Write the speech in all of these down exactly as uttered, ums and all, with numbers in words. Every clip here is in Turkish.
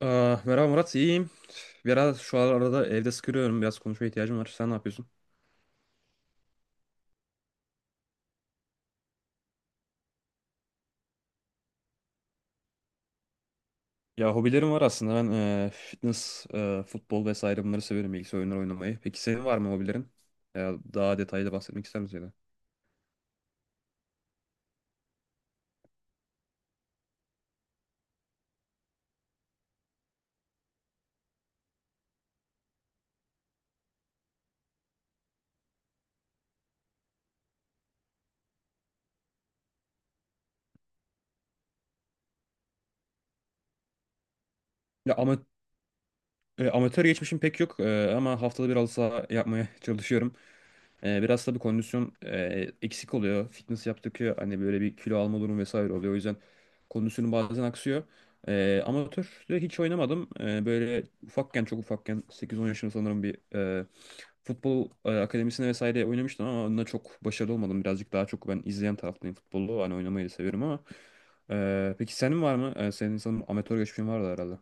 Aa, merhaba Murat, iyiyim. Biraz şu arada evde sıkılıyorum, biraz konuşmaya ihtiyacım var. Sen ne yapıyorsun? Ya hobilerim var aslında. Ben e, fitness, e, futbol vesaire bunları severim, bilgisayar oyunları oynamayı. Peki senin var mı hobilerin? Ya daha detaylı bahsetmek ister misin? Ya da? Ya ama, e, amatör geçmişim pek yok e, ama haftada bir halı saha yapmaya çalışıyorum. Ee, biraz tabii kondisyon e, eksik oluyor. Fitness yaptıkça hani böyle bir kilo alma durumu vesaire oluyor. O yüzden kondisyonum bazen aksıyor. Ee, amatörde hiç oynamadım. Ee, böyle ufakken çok ufakken sekiz on yaşında sanırım bir e, futbol e, akademisine vesaire oynamıştım ama onunla çok başarılı olmadım. Birazcık daha çok ben izleyen taraftayım futbolu. Hani oynamayı da seviyorum ama. Ee, peki senin var mı? Ee, senin sanırım amatör geçmişin vardı herhalde.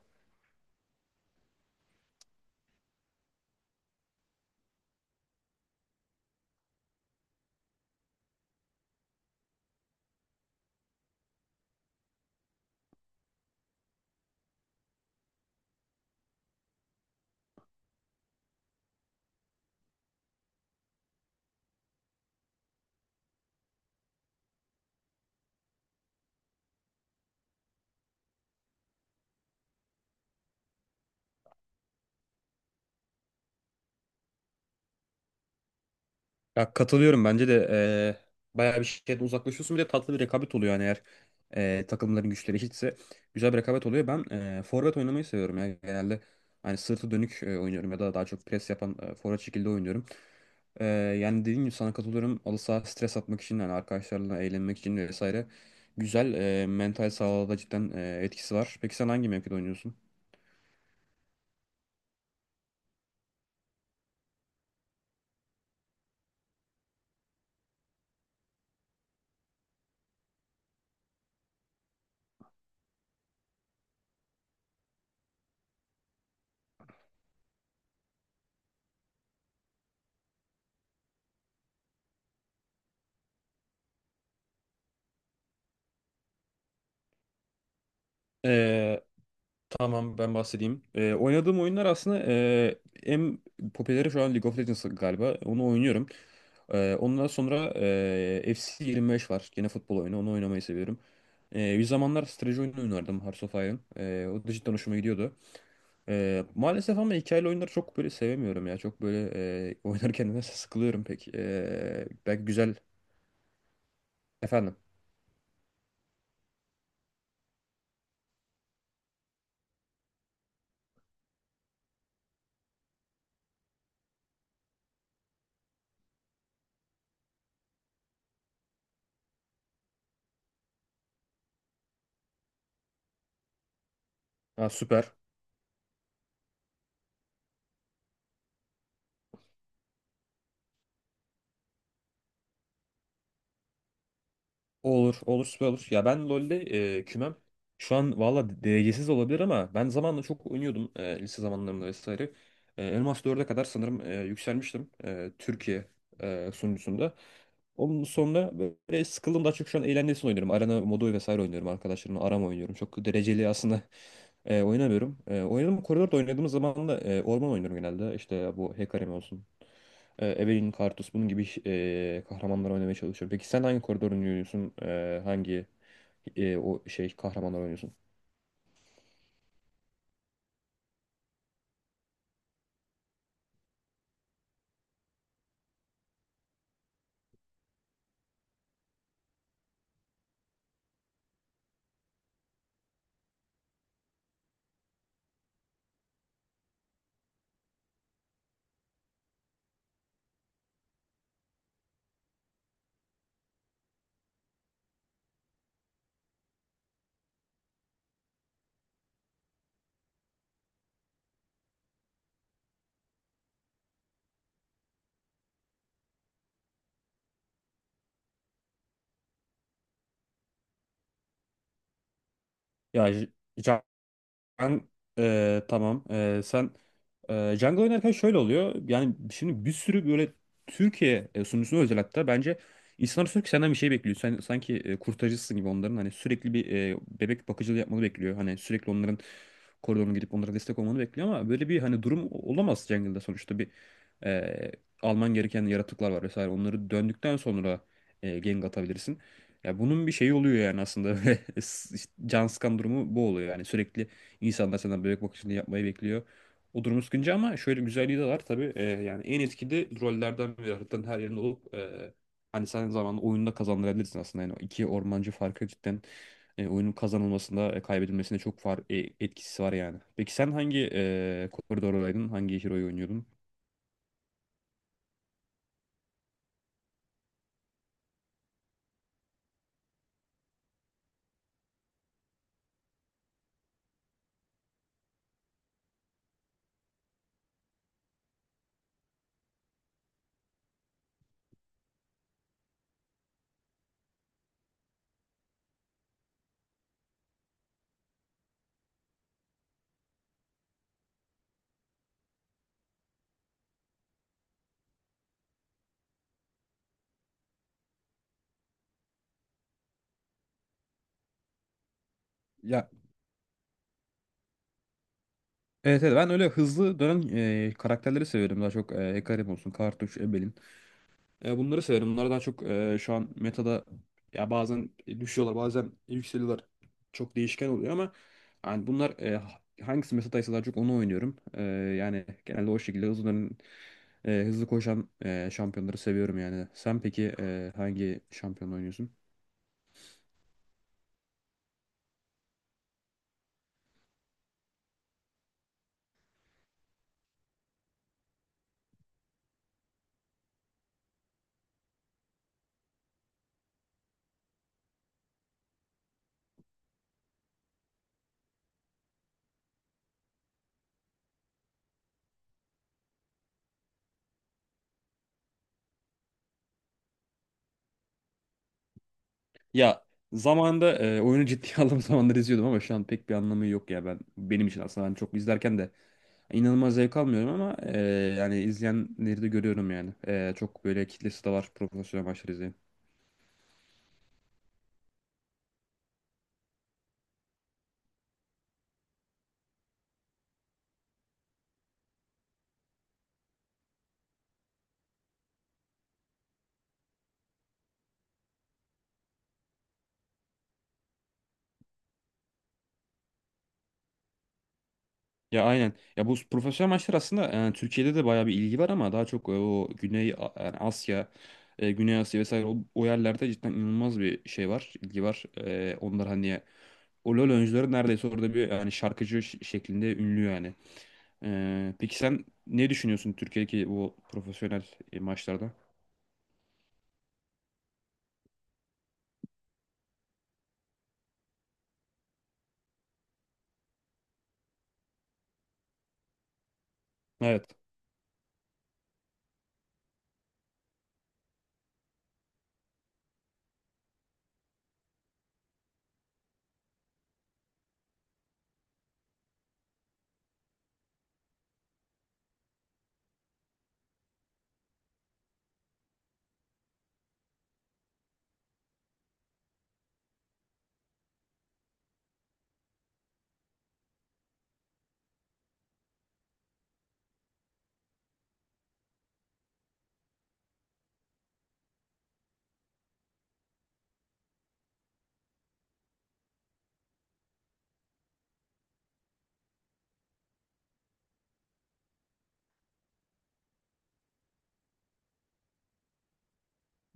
Ya katılıyorum bence de eee bayağı bir şeyden uzaklaşıyorsun. Bir de tatlı bir rekabet oluyor yani eğer eee, takımların güçleri eşitse güzel bir rekabet oluyor. Ben eee forvet oynamayı seviyorum ya genelde. Hani sırtı dönük e, oynuyorum ya da daha çok pres yapan e, forvet şekilde oynuyorum. Eee, yani dediğim gibi sana katılıyorum. Halı saha stres atmak için yani arkadaşlarla eğlenmek için vesaire güzel, eee, mental sağlığa da cidden, eee, etkisi var. Peki sen hangi mevkide oynuyorsun? Tamam ben bahsedeyim. Ee, oynadığım oyunlar aslında e, en popüleri şu an League of Legends galiba. Onu oynuyorum. Ee, ondan sonra e, F C yirmi beş var. Gene futbol oyunu. Onu oynamayı seviyorum. Ee, bir zamanlar strateji oyunu oynardım Hearts of Iron. Ee, o da cidden hoşuma gidiyordu. Ee, maalesef ama hikayeli oyunları çok böyle sevemiyorum ya. Çok böyle e, oynarken de sıkılıyorum pek. Ee, belki güzel. Efendim. Ha, süper. Olur, olur, süper olur. Ya ben LoL'de e, kümem şu an valla derecesiz olabilir ama ben zamanla çok oynuyordum e, lise zamanlarımda vesaire. E, Elmas dörde kadar sanırım e, yükselmiştim e, Türkiye e, sunucusunda. Onun sonra böyle sıkıldım, daha çok şu an eğlencesini oynuyorum. Arena modu vesaire oynuyorum arkadaşlarımla. Arama oynuyorum. Çok dereceli aslında e, oynamıyorum. E, oynadığım koridorda oynadığım zaman da e, orman oynuyorum genelde. İşte bu Hecarim olsun. E, Evelyn Kartus bunun gibi e, kahramanlar oynamaya çalışıyor. Peki sen hangi koridor oynuyorsun? E, hangi e, o şey kahramanlar oynuyorsun? Ya Ben eee, Tamam. Eee, sen eee jungle oynarken şöyle oluyor. Yani şimdi bir sürü böyle Türkiye e, sunucusuna özel hatta bence insanlar sürekli senden bir şey bekliyor, sen sanki e, kurtarıcısın gibi onların, hani sürekli bir e, bebek bakıcılığı yapmanı bekliyor, hani sürekli onların koridoruna gidip onlara destek olmanı bekliyor ama böyle bir hani durum o- olamaz jungle'da. Sonuçta bir e, alman gereken yaratıklar var vesaire, onları döndükten sonra e, gank atabilirsin. Ya bunun bir şeyi oluyor yani aslında can sıkan durumu bu oluyor, yani sürekli İnsanlar senden bebek bakıcılığı yapmayı bekliyor. O durum sıkıcı ama şöyle güzelliği de var tabii. E, yani en etkili rollerden biri, haritanın her yerinde olup e, hani sen zamanla oyunda kazandırabilirsin aslında. Yani o iki ormancı farkı cidden e, oyunun kazanılmasında e, kaybedilmesinde çok far, e, etkisi var yani. Peki sen hangi e, koridordaydın? Hangi hero'yu oynuyordun? Ya evet, evet, ben öyle hızlı dönen e, karakterleri seviyorum. Daha çok e, Hecarim olsun, Kartuş, Ebelin. E, bunları severim. Bunlar daha çok e, şu an metada ya bazen düşüyorlar, bazen yükseliyorlar. Çok değişken oluyor ama yani bunlar, e, hangisi metadaysa daha çok onu oynuyorum. E, yani genelde o şekilde hızlıların e, hızlı koşan e, şampiyonları seviyorum yani. Sen peki e, hangi şampiyon oynuyorsun? Ya zamanında e, oyunu ciddiye aldığım zamanlar izliyordum ama şu an pek bir anlamı yok ya, ben, benim için aslında ben çok izlerken de İnanılmaz zevk almıyorum ama e, yani izleyenleri de görüyorum yani. E, çok böyle kitlesi de var profesyonel maçları izleyen. Ya aynen. Ya bu profesyonel maçlar aslında e, Türkiye'de de bayağı bir ilgi var ama daha çok e, o Güney A- yani Asya, e, Güney Asya vesaire, o, o yerlerde cidden inanılmaz bir şey var, ilgi var. E, onlar hani o LoL oyuncuları neredeyse orada bir yani şarkıcı ş- şeklinde ünlü yani. E, peki sen ne düşünüyorsun Türkiye'deki bu profesyonel e, maçlarda? Evet.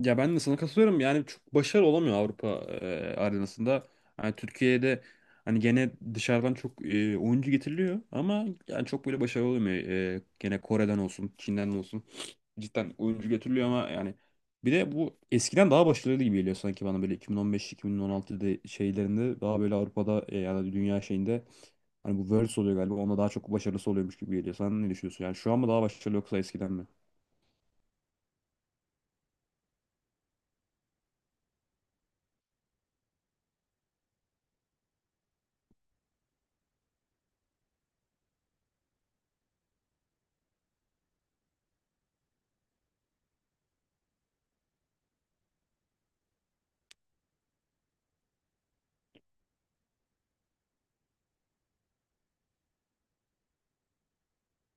Ya ben de sana katılıyorum. Yani çok başarılı olamıyor Avrupa e, arenasında. Yani Türkiye'de hani gene dışarıdan çok e, oyuncu getiriliyor ama yani çok böyle başarılı olamıyor. E, gene Kore'den olsun, Çin'den olsun, cidden oyuncu getiriliyor ama yani, bir de bu eskiden daha başarılı gibi geliyor sanki bana, böyle iki bin on beş iki bin on altıda şeylerinde daha böyle Avrupa'da, e, ya da dünya şeyinde hani bu Worlds oluyor galiba, onda daha çok başarılısı oluyormuş gibi geliyor. Sen ne düşünüyorsun? Yani şu an mı daha başarılı yoksa eskiden mi?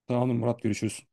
Tamamdır Murat, görüşürüz.